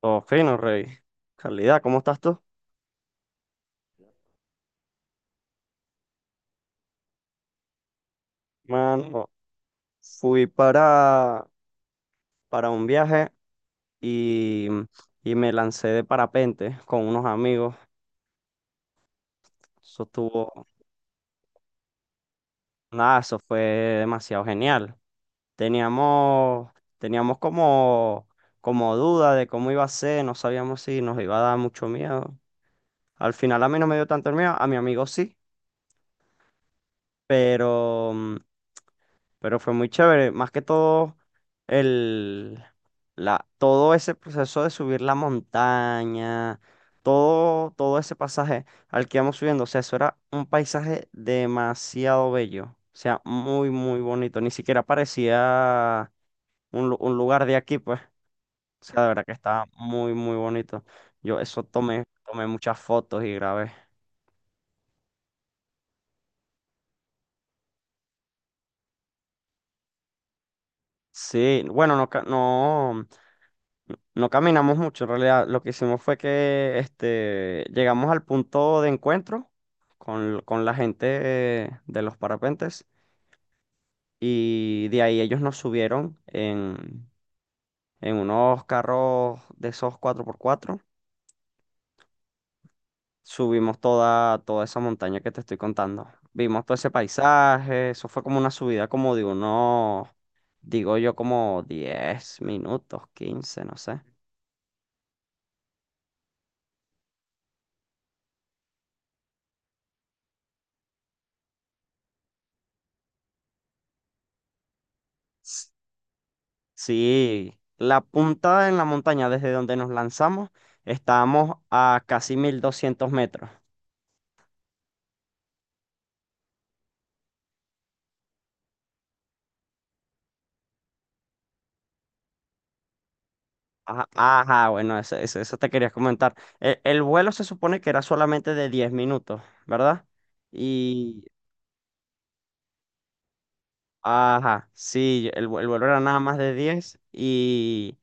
Todo fino, Rey. Calidad, ¿cómo estás tú? Mano, fui para, para un viaje y, y me lancé de parapente con unos amigos. Eso estuvo, Nada, eso fue demasiado genial. Teníamos, teníamos como duda de cómo iba a ser, no sabíamos si nos iba a dar mucho miedo. Al final a mí no me dio tanto el miedo, a mi amigo sí, pero pero fue muy chévere. Más que todo, el, todo ese proceso de subir la montaña, todo ese pasaje al que íbamos subiendo, o sea, eso era un paisaje demasiado bello, o sea, muy, muy bonito. Ni siquiera parecía un lugar de aquí, pues, o sea, de verdad que estaba muy, muy bonito. Yo eso tomé muchas fotos y grabé. Sí, bueno, no, no. No caminamos mucho, en realidad lo que hicimos fue que este, llegamos al punto de encuentro con la gente de los parapentes y de ahí ellos nos subieron en unos carros de esos cuatro por cuatro. Subimos toda esa montaña que te estoy contando. Vimos todo ese paisaje, eso fue como una subida como de unos, digo yo, como 10 minutos, 15 no sé. Sí, la punta en la montaña desde donde nos lanzamos, estábamos a casi 1.200 metros. Ajá, ajá, bueno, eso te quería comentar. El vuelo se supone que era solamente de 10 minutos, ¿verdad? Y, ajá, sí, el vuelo era nada más de 10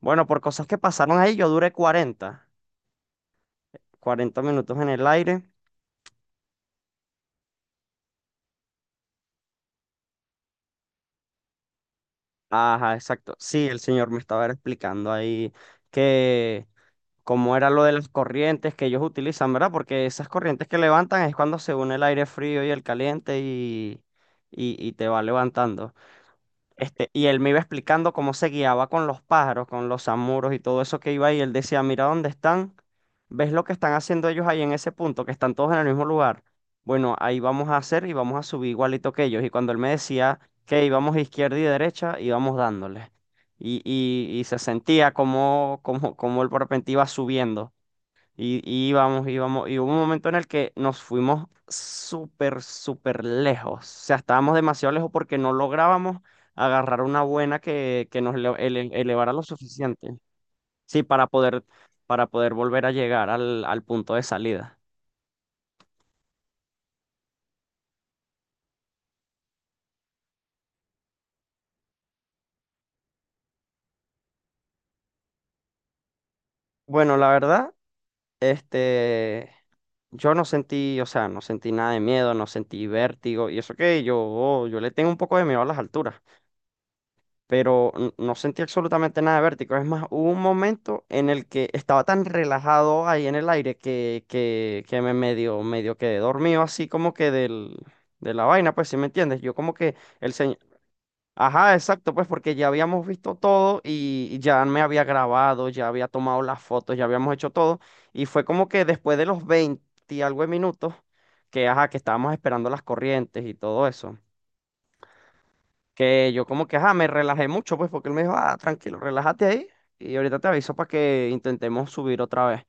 bueno, por cosas que pasaron ahí, yo duré cuarenta minutos en el aire. Ajá, exacto. Sí, el señor me estaba explicando ahí que... como era lo de las corrientes que ellos utilizan, ¿verdad? Porque esas corrientes que levantan es cuando se une el aire frío y el caliente y te va levantando. Este, y él me iba explicando cómo se guiaba con los pájaros, con los zamuros y todo eso que iba ahí. Él decía, mira dónde están, ves lo que están haciendo ellos ahí en ese punto, que están todos en el mismo lugar. Bueno, ahí vamos a hacer y vamos a subir igualito que ellos. Y cuando él me decía que íbamos izquierda y derecha, íbamos dándole. Y se sentía como el parapente iba subiendo. Íbamos, y hubo un momento en el que nos fuimos súper, súper lejos. O sea, estábamos demasiado lejos porque no lográbamos agarrar una buena que nos elevara lo suficiente. Sí, para poder volver a llegar al punto de salida. Bueno, la verdad, este, yo no sentí, o sea, no sentí nada de miedo, no sentí vértigo. Y eso que yo le tengo un poco de miedo a las alturas. Pero no sentí absolutamente nada de vértigo. Es más, hubo un momento en el que estaba tan relajado ahí en el aire que me medio quedé dormido así como que de la vaina, pues si me entiendes. Yo como que el señor... Ajá, exacto, pues porque ya habíamos visto todo y ya me había grabado, ya había tomado las fotos, ya habíamos hecho todo. Y fue como que después de los 20 y algo de minutos, que ajá, que estábamos esperando las corrientes y todo eso que yo como que, ajá, me relajé mucho, pues, porque él me dijo, ah, tranquilo, relájate ahí y ahorita te aviso para que intentemos subir otra vez.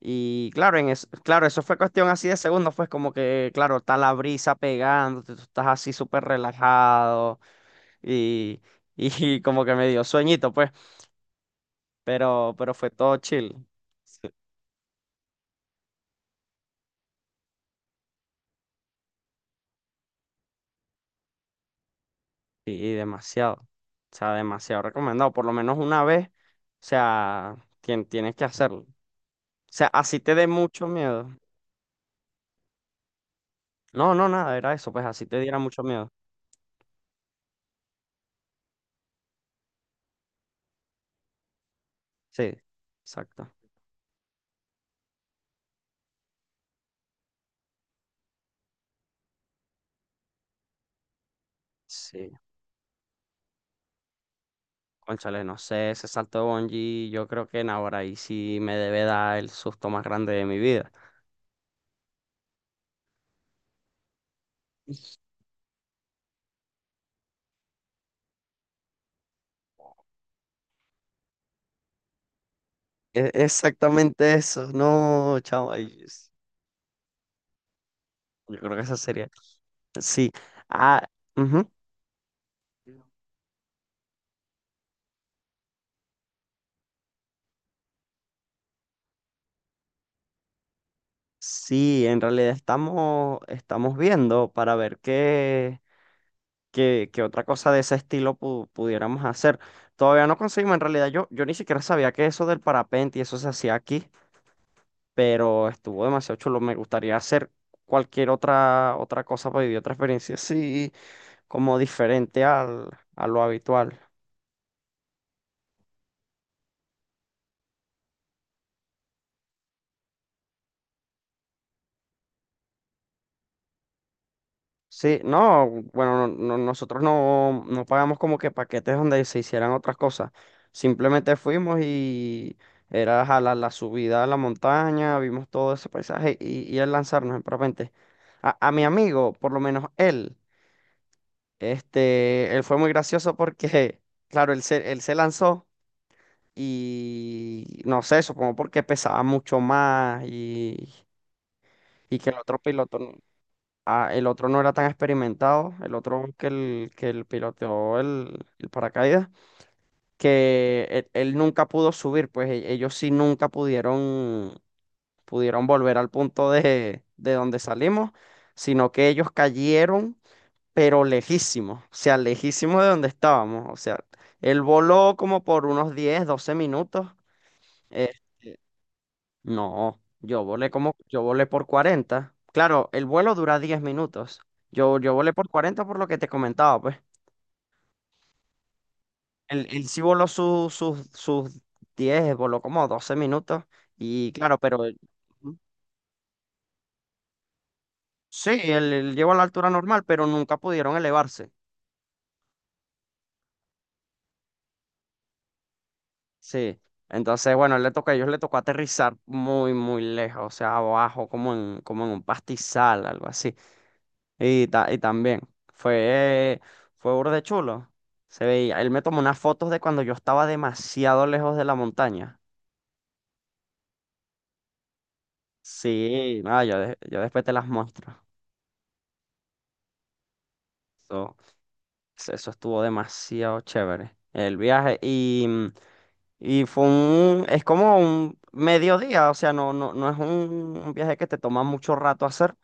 Y claro, en es, claro, eso fue cuestión así de segundos, pues como que, claro, está la brisa pegándote, tú estás así súper relajado y, y como que me dio sueñito, pues, pero fue todo chill. Sí. Y demasiado, o sea, demasiado recomendado, por lo menos una vez, o sea, tienes que hacerlo. O sea, así te dé mucho miedo. No, no, nada, era eso, pues así te diera mucho miedo. Sí, exacto. Sí, cónchale, no sé, ese salto de bungee, yo creo que en ahora ahí sí me debe dar el susto más grande de mi vida. Exactamente eso, no, chavo, ay, yo creo que esa sería. Sí, ah, ujú. Sí, en realidad estamos viendo para ver qué otra cosa de ese estilo pudiéramos hacer. Todavía no conseguimos, en realidad yo ni siquiera sabía que eso del parapente y eso se hacía aquí. Pero estuvo demasiado chulo. Me gustaría hacer cualquier otra cosa para vivir otra experiencia así, como diferente a lo habitual. Sí, no, bueno, nosotros no, no pagamos como que paquetes donde se hicieran otras cosas. Simplemente fuimos y era jalar la subida a la montaña, vimos todo ese paisaje y el lanzarnos en parapente. A mi amigo, por lo menos él, este, él fue muy gracioso porque, claro, él se lanzó. Y no sé, supongo porque pesaba mucho más y que el otro piloto, no- ah, el otro no era tan experimentado, el otro que el piloteó el paracaídas, que él nunca pudo subir, pues ellos sí nunca pudieron, pudieron volver al punto de donde salimos, sino que ellos cayeron, pero lejísimos, o sea, lejísimos de donde estábamos, o sea, él voló como por unos 10 o 12 minutos. No, yo volé como, yo volé por 40. Claro, el vuelo dura 10 minutos. Yo volé por 40 por lo que te comentaba, pues. Él sí voló sus 10 voló como 12 minutos. Y claro, pero ujú. Sí, él llegó a la altura normal, pero nunca pudieron elevarse. Sí. Entonces, bueno, él le tocó, a ellos le tocó aterrizar muy, muy lejos, o sea, abajo, como en, como en un pastizal, algo así. Y, y también fue, fue burde chulo. Se veía, él me tomó unas fotos de cuando yo estaba demasiado lejos de la montaña. Sí, no, yo, yo después te las muestro. Eso, eso estuvo demasiado chévere. El viaje y fue es como un mediodía, o sea, no es un viaje que te toma mucho rato hacer.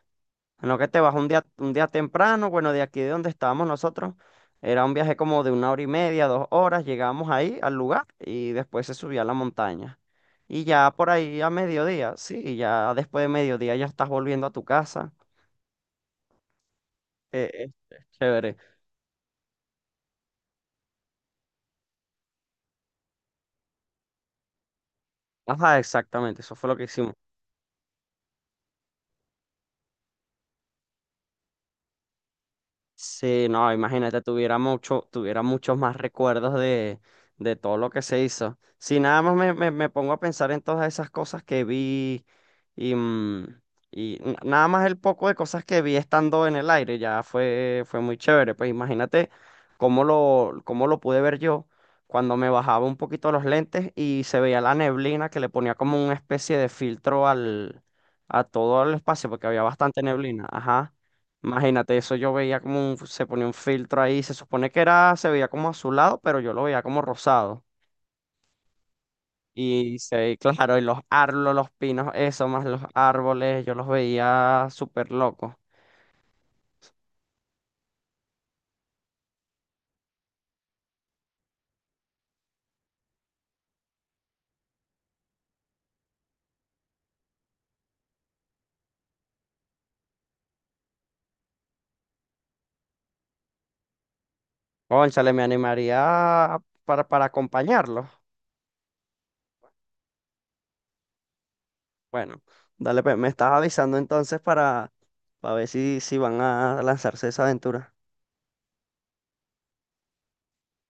En lo que te vas un día temprano, bueno, de aquí de donde estábamos nosotros, era un viaje como de 1 hora y media, 2 horas, llegamos ahí al lugar y después se subía a la montaña. Y ya por ahí a mediodía, sí, ya después de mediodía ya estás volviendo a tu casa. Eh, es- es chévere. Ajá, exactamente, eso fue lo que hicimos. Sí, no, imagínate, tuviera muchos más recuerdos de todo lo que se hizo. Si nada más me pongo a pensar en todas esas cosas que vi y, mm, y nada más el poco de cosas que vi estando en el aire, ya fue, fue muy chévere. Pues imagínate cómo lo pude ver yo cuando me bajaba un poquito los lentes y se veía la neblina que le ponía como una especie de filtro a todo el espacio, porque había bastante neblina. Ajá. Imagínate, eso yo veía como se ponía un filtro ahí, se supone que era, se veía como azulado, pero yo lo veía como rosado. Y se, claro, y los árboles, los pinos, eso, más los árboles, yo los veía súper locos. Cónchale, me animaría para acompañarlos. Bueno, dale, pues, me estás avisando entonces para ver si, van a lanzarse esa aventura.